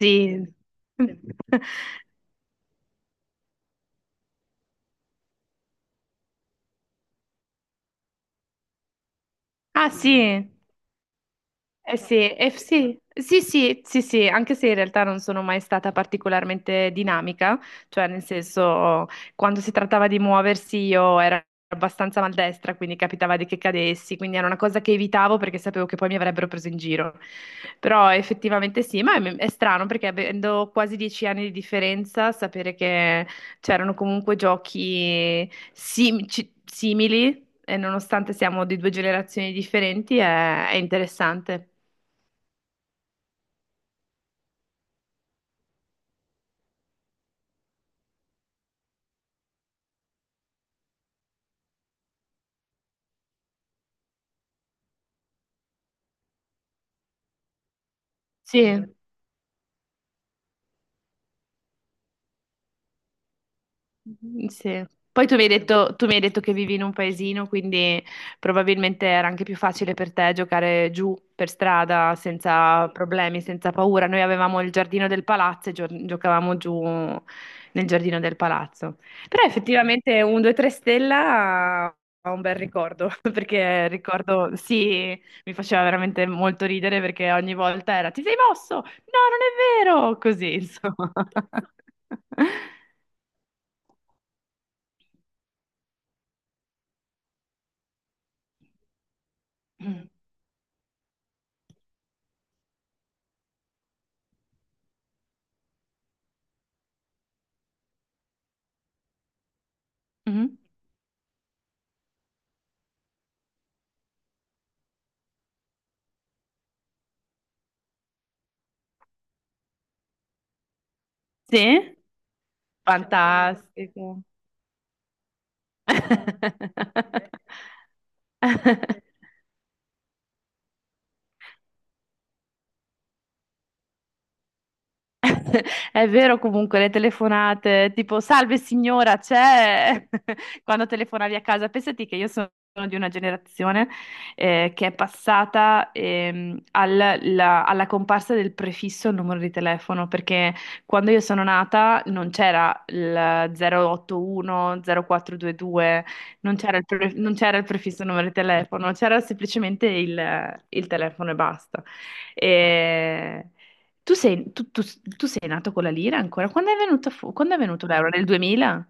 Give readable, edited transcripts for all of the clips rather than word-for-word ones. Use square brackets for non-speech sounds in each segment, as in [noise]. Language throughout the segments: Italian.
Sì. [laughs] Ah sì. Eh sì, eh sì, sì, sì, sì, sì, anche se in realtà non sono mai stata particolarmente dinamica, cioè nel senso, quando si trattava di muoversi io ero abbastanza maldestra, quindi capitava di che cadessi, quindi era una cosa che evitavo perché sapevo che poi mi avrebbero preso in giro. Però effettivamente sì, ma è strano perché avendo quasi 10 anni di differenza, sapere che c'erano comunque giochi simili e nonostante siamo di due generazioni differenti è interessante. Sì, mm, sì. Poi tu mi hai detto, tu mi hai detto che vivi in un paesino, quindi probabilmente era anche più facile per te giocare giù per strada senza problemi, senza paura. Noi avevamo il giardino del palazzo e giocavamo giù nel giardino del palazzo. Però effettivamente un 2-3 stella ha un bel ricordo, [laughs] perché ricordo, sì, mi faceva veramente molto ridere perché ogni volta era: "Ti sei mosso?" "No, non è vero!" Così, insomma. [laughs] Mm. Mhm. Sì? Cioè, fantastico. [laughs] [laughs] È vero, comunque le telefonate, tipo: "Salve signora, c'è..." [laughs] quando telefonavi a casa. Pensati che io sono di una generazione che è passata, alla comparsa del prefisso al numero di telefono, perché quando io sono nata non c'era il 081, 0422, non c'era non c'era il prefisso numero di telefono, c'era semplicemente il telefono e basta. E- tu sei, tu- tu- tu sei nato con la lira ancora? Quando è venuto l'euro? Nel 2000?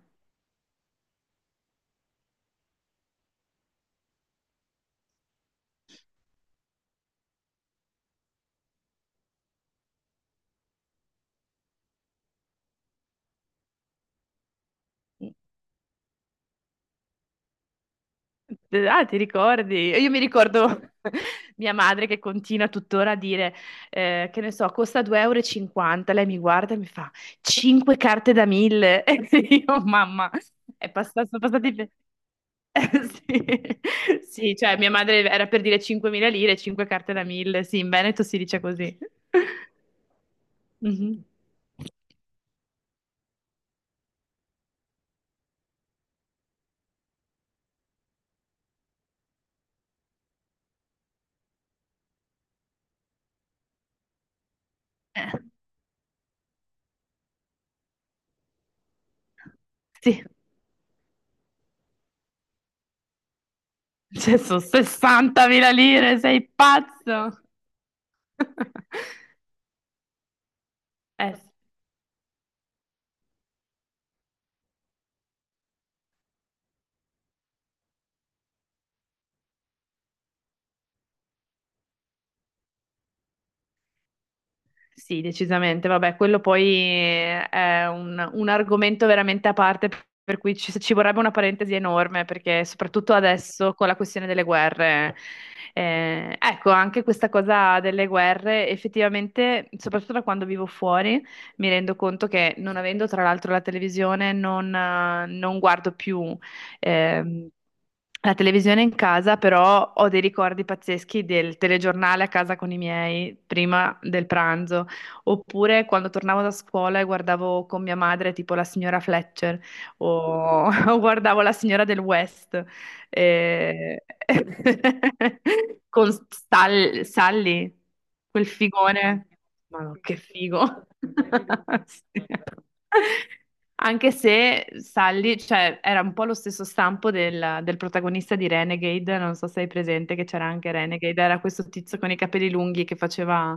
Ah, ti ricordi? Io mi ricordo [laughs] mia madre che continua tuttora a dire, che ne so, costa 2,50 euro. E cinquanta. Lei mi guarda e mi fa 5 carte da 1000. [laughs] E io: "Mamma, è passato, sono passati... [laughs] Sì. Sì, cioè mia madre era per dire 5.000 lire, 5 carte da 1000. Sì, in Veneto si dice così. [laughs] Mhm. Eh, sì. Cioè, sono 60.000 lire, sei pazzo? [laughs] Eh, sì, decisamente. Vabbè, quello poi è un argomento veramente a parte, per cui ci vorrebbe una parentesi enorme, perché soprattutto adesso con la questione delle guerre. Eh, ecco, anche questa cosa delle guerre, effettivamente, soprattutto da quando vivo fuori, mi rendo conto che non avendo tra l'altro la televisione, non non guardo più ehm, la televisione in casa, però ho dei ricordi pazzeschi del telegiornale a casa con i miei prima del pranzo, oppure quando tornavo da scuola e guardavo con mia madre tipo la Signora Fletcher o, [laughs] o guardavo la Signora del West. E- [laughs] con Sally, quel figone. Ma no, che figo. [laughs] Sì. Anche se Sally, cioè, era un po' lo stesso stampo del protagonista di Renegade, non so se hai presente che c'era anche Renegade, era questo tizio con i capelli lunghi che faceva,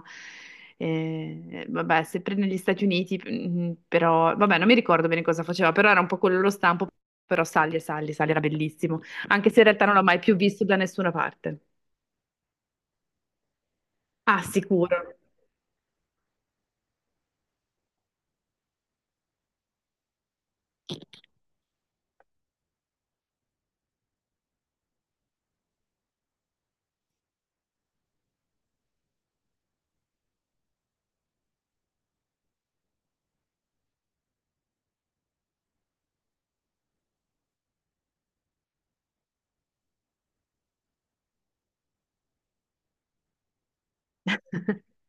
vabbè, sempre negli Stati Uniti, mm, però, vabbè, non mi ricordo bene cosa faceva, però era un po' quello lo stampo, però Sally era bellissimo anche se in realtà non l'ho mai più visto da nessuna parte. Ah, sicuro. [laughs]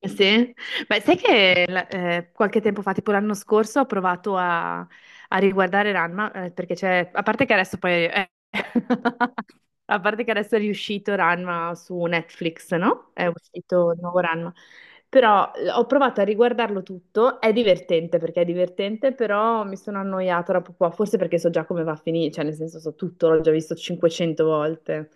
Sì, beh, sai che qualche tempo fa, tipo l'anno scorso, ho provato a riguardare Ranma, perché c'è, a parte che adesso poi, [laughs] a parte che adesso è riuscito Ranma su Netflix, no? È uscito il nuovo Ranma, però ho provato a riguardarlo tutto, è divertente perché è divertente, però mi sono annoiata dopo qua, forse perché so già come va a finire, cioè nel senso so tutto, l'ho già visto 500 volte.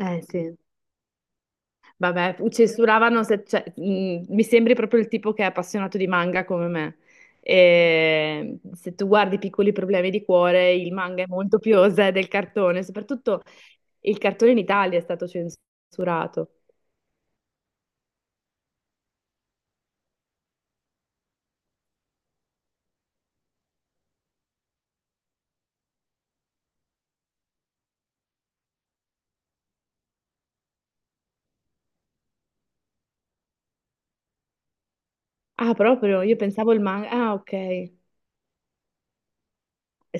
Eh sì. Vabbè, censuravano se, cioè, mi sembri proprio il tipo che è appassionato di manga come me. E se tu guardi Piccoli problemi di cuore, il manga è molto più osè del cartone, soprattutto il cartone in Italia è stato censurato. Ah, proprio? Io pensavo il manga. Ah, ok. E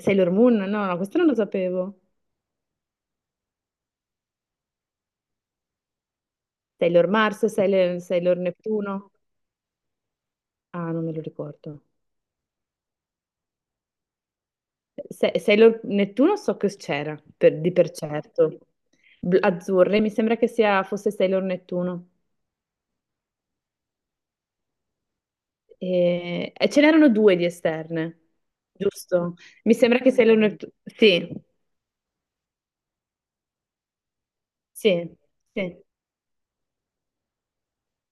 Sailor Moon? No, no, questo non lo sapevo. Sailor Mars, Sailor, Sailor Neptuno? Ah, non me lo ricordo. Sailor Nettuno so che c'era, di per certo. Azzurre, mi sembra che sia, fosse Sailor Nettuno. E ce n'erano due di esterne, giusto? Mi sembra che Sailor Nettuno... Sì, sì, sì.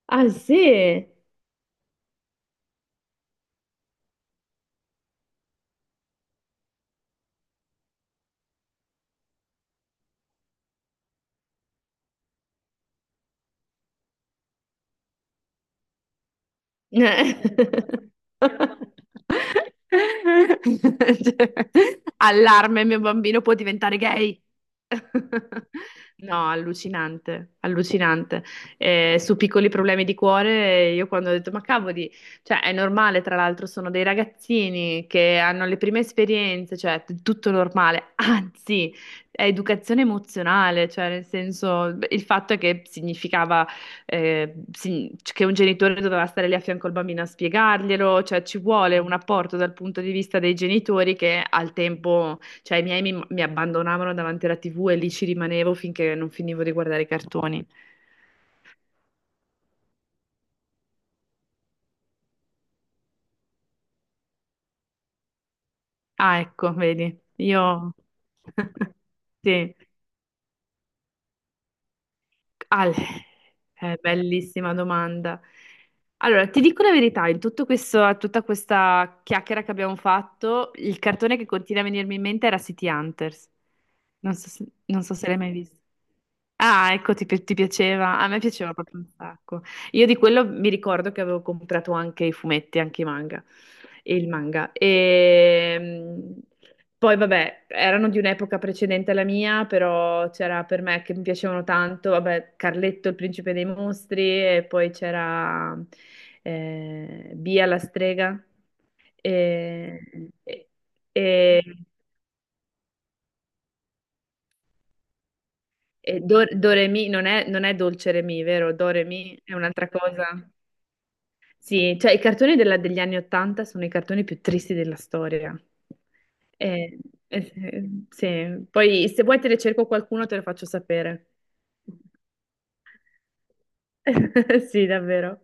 Ah, sì? Cioè, [laughs] allarme, mio bambino può diventare gay. No, allucinante, allucinante. Su Piccoli problemi di cuore, io quando ho detto, ma cavoli, cioè è normale, tra l'altro sono dei ragazzini che hanno le prime esperienze, cioè tutto normale, anzi, è educazione emozionale, cioè nel senso, beh, il fatto è che significava che un genitore doveva stare lì a fianco al bambino a spiegarglielo, cioè ci vuole un apporto dal punto di vista dei genitori che al tempo, cioè i miei mi abbandonavano davanti alla TV e lì ci rimanevo finché non finivo di guardare i cartoni. Ah, ecco, vedi, io... [laughs] Sì. Ale, è bellissima domanda. Allora, ti dico la verità, in tutto questo, tutta questa chiacchiera che abbiamo fatto, il cartone che continua a venirmi in mente era City Hunters. Non so se l'hai mai visto. Ah, ecco, ti piaceva. A me piaceva proprio un sacco. Io di quello mi ricordo che avevo comprato anche i fumetti, anche i manga. E il manga. E... Poi, vabbè, erano di un'epoca precedente alla mia, però c'era per me che mi piacevano tanto, vabbè, Carletto, il principe dei mostri, e poi c'era Bia la strega. E, e, e- e Doremi non è Dolce Remi, vero? Doremi è un'altra cosa. Sì, cioè i cartoni degli anni Ottanta sono i cartoni più tristi della storia. Eh, eh sì. Poi se vuoi te ne cerco qualcuno, te lo faccio sapere. [laughs] Sì, davvero.